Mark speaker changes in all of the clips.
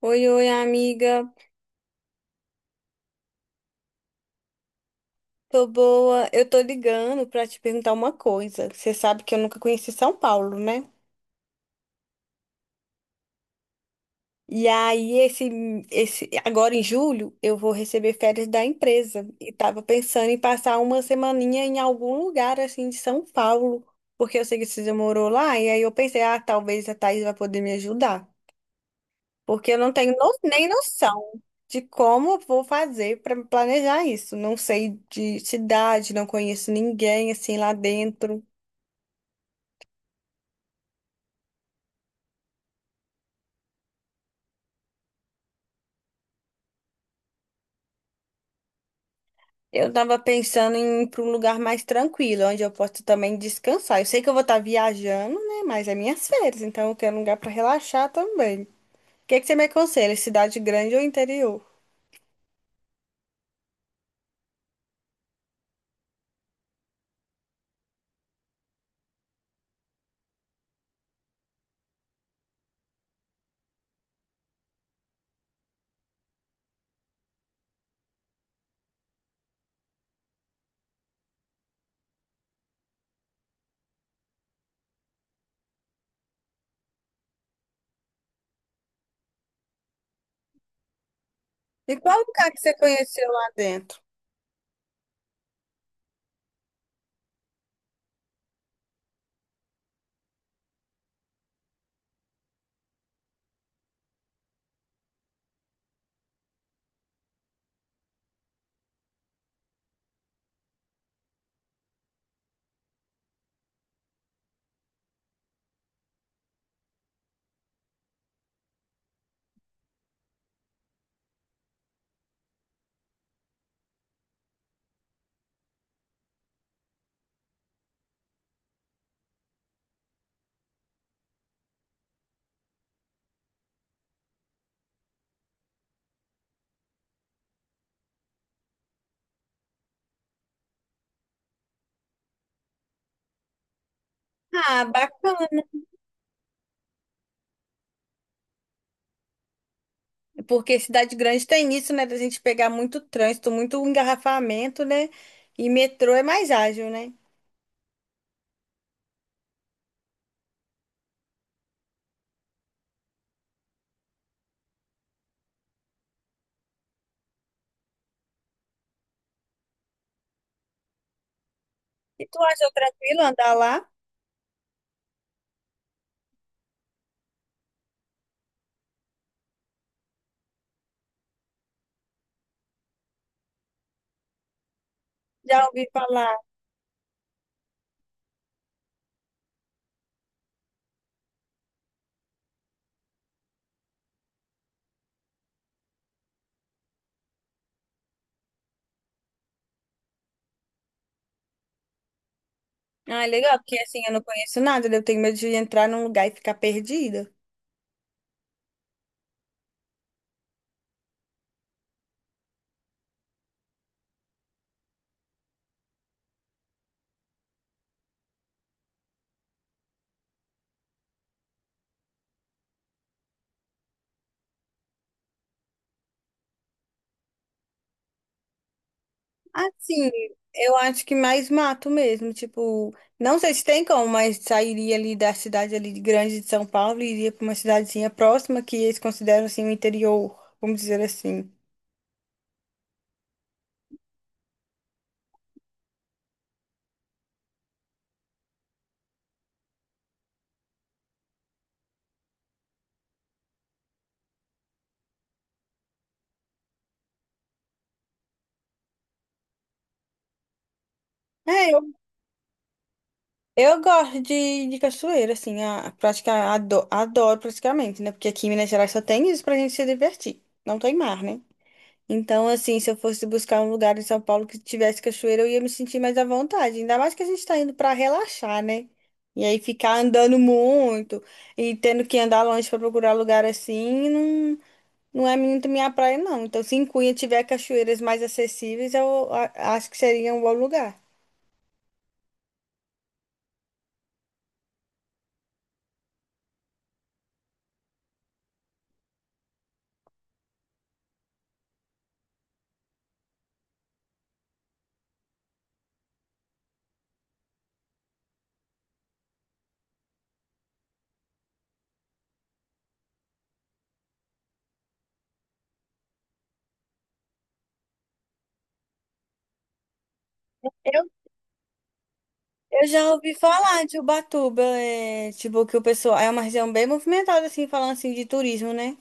Speaker 1: Oi, oi, amiga. Tô boa. Eu tô ligando pra te perguntar uma coisa. Você sabe que eu nunca conheci São Paulo, né? E aí, agora em julho, eu vou receber férias da empresa. E tava pensando em passar uma semaninha em algum lugar, assim, de São Paulo. Porque eu sei que você já morou lá. E aí eu pensei, ah, talvez a Thaís vai poder me ajudar. Porque eu não tenho nem noção de como eu vou fazer para planejar isso. Não sei de cidade, não conheço ninguém assim lá dentro. Eu tava pensando em ir para um lugar mais tranquilo, onde eu posso também descansar. Eu sei que eu vou estar viajando, né? Mas é minhas férias, então eu quero um lugar para relaxar também. O que que você me aconselha? Cidade grande ou interior? E qual lugar que você conheceu lá dentro? Ah, bacana. Porque cidade grande tem isso, né? Da gente pegar muito trânsito, muito engarrafamento, né? E metrô é mais ágil, né? E tu achou tranquilo andar lá? Já ouvi falar. Ah, é legal, porque assim, eu não conheço nada, né? Eu tenho medo de entrar num lugar e ficar perdida. Assim, eu acho que mais mato mesmo, tipo, não sei se tem como, mas sairia ali da cidade ali de grande de São Paulo e iria para uma cidadezinha próxima que eles consideram assim o interior, vamos dizer assim. É, eu gosto de cachoeira, assim, a praticar, adoro praticamente, né? Porque aqui em Minas Gerais só tem isso pra gente se divertir. Não tem mar, né? Então, assim, se eu fosse buscar um lugar em São Paulo que tivesse cachoeira, eu ia me sentir mais à vontade. Ainda mais que a gente tá indo pra relaxar, né? E aí ficar andando muito e tendo que andar longe pra procurar lugar assim, não, não é muito minha praia, não. Então, se em Cunha tiver cachoeiras mais acessíveis, acho que seria um bom lugar. Eu já ouvi falar de Ubatuba, é, tipo, que o pessoal, é uma região bem movimentada, assim, falando assim de turismo, né?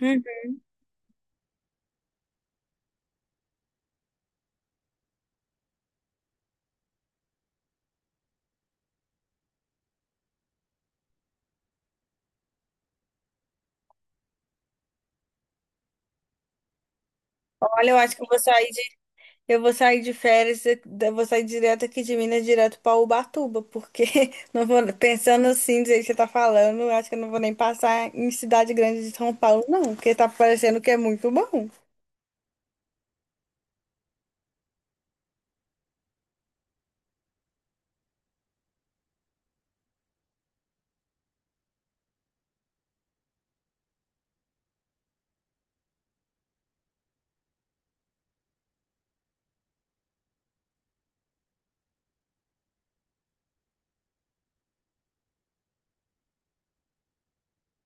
Speaker 1: Hum. Olha, eu acho que eu vou sair de férias, eu vou sair direto aqui de Minas, direto para Ubatuba, porque não vou, pensando assim, do jeito que você tá falando, eu acho que eu não vou nem passar em cidade grande de São Paulo, não, porque tá parecendo que é muito bom.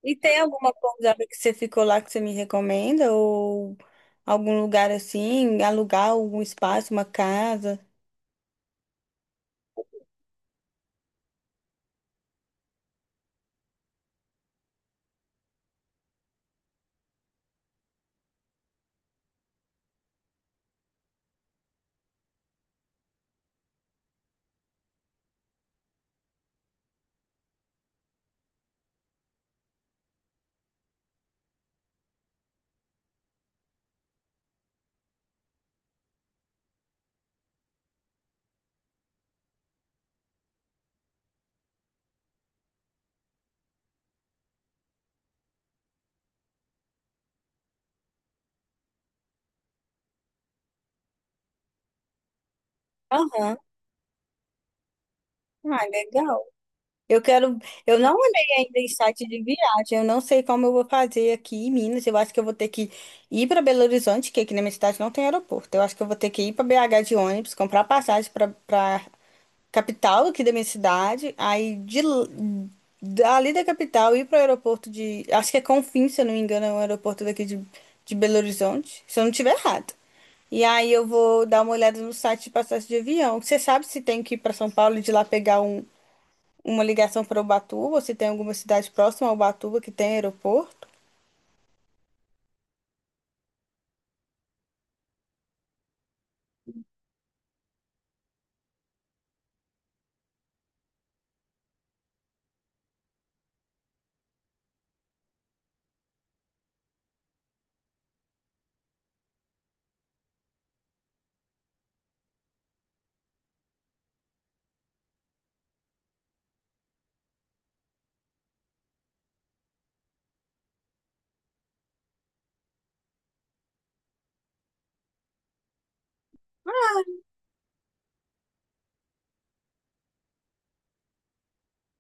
Speaker 1: E tem alguma pousada que você ficou lá que você me recomenda? Ou algum lugar assim, alugar algum espaço, uma casa? Aham. Ah, legal. Eu quero. Eu não olhei ainda em site de viagem. Eu não sei como eu vou fazer aqui em Minas. Eu acho que eu vou ter que ir para Belo Horizonte, que aqui na minha cidade não tem aeroporto. Eu acho que eu vou ter que ir para BH de ônibus, comprar passagem para capital aqui da minha cidade. Aí dali da capital ir para o aeroporto de. Acho que é Confins, se eu não me engano, é um aeroporto daqui de Belo Horizonte. Se eu não estiver errado. E aí eu vou dar uma olhada no site de passagem de avião. Você sabe se tem que ir para São Paulo e de lá pegar uma ligação para Ubatuba, se tem alguma cidade próxima a Ubatuba que tem aeroporto.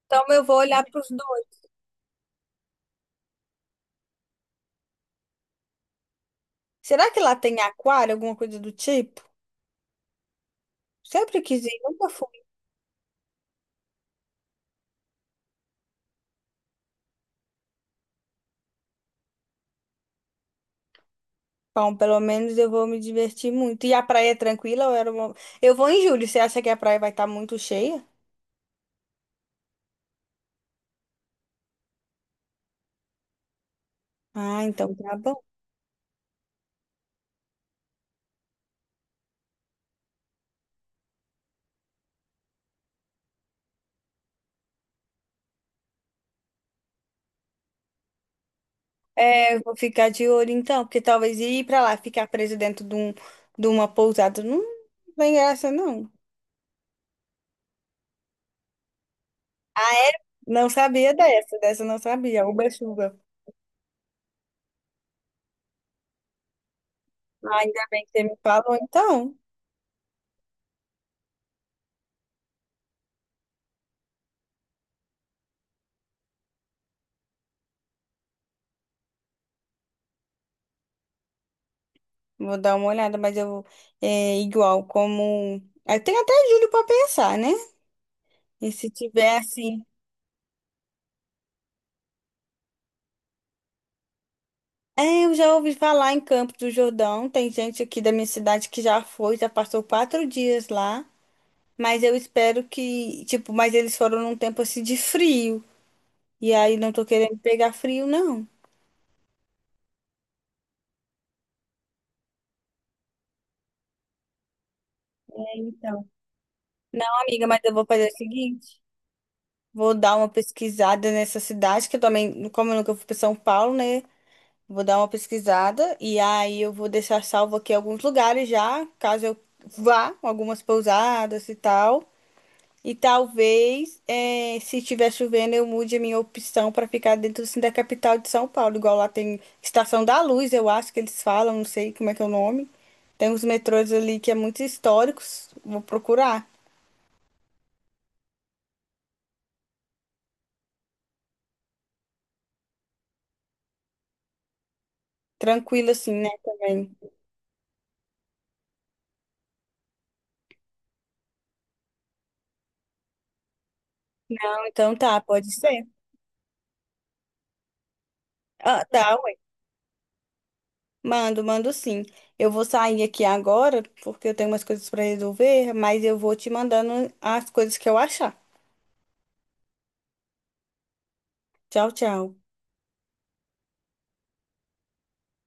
Speaker 1: Então eu vou olhar para os dois. Será que lá tem aquário, alguma coisa do tipo? Sempre quis ir, nunca fui. Bom, pelo menos eu vou me divertir muito. E a praia é tranquila? Ou era uma- eu vou em julho. Você acha que a praia vai estar muito cheia? Ah, então tá bom. É, eu vou ficar de olho então, porque talvez ir pra lá, ficar preso de uma pousada, não tem graça, não. Não sabia dessa eu não sabia. Uba chuva. Ah, ainda bem que você me falou então. Vou dar uma olhada, mas eu é igual como. Eu tenho até julho para pensar, né? E se tiver assim. É, eu já ouvi falar em Campos do Jordão. Tem gente aqui da minha cidade que já foi, já passou 4 dias lá. Mas eu espero que, tipo, mas eles foram num tempo assim de frio. E aí não tô querendo pegar frio, não. É, então. Não, amiga, mas eu vou fazer o seguinte. Vou dar uma pesquisada nessa cidade, que eu também, como eu nunca fui para São Paulo, né? Vou dar uma pesquisada e aí eu vou deixar salvo aqui alguns lugares já, caso eu vá, algumas pousadas e tal. E talvez, se estiver chovendo, eu mude a minha opção para ficar dentro assim, da capital de São Paulo. Igual lá tem Estação da Luz, eu acho que eles falam, não sei como é que é o nome. Tem uns metrôs ali que é muito históricos. Vou procurar. Tranquilo assim, né, também. Então tá, pode ser. Ah, tá, mando, mando sim. Eu vou sair aqui agora, porque eu tenho umas coisas para resolver, mas eu vou te mandando as coisas que eu achar. Tchau, tchau.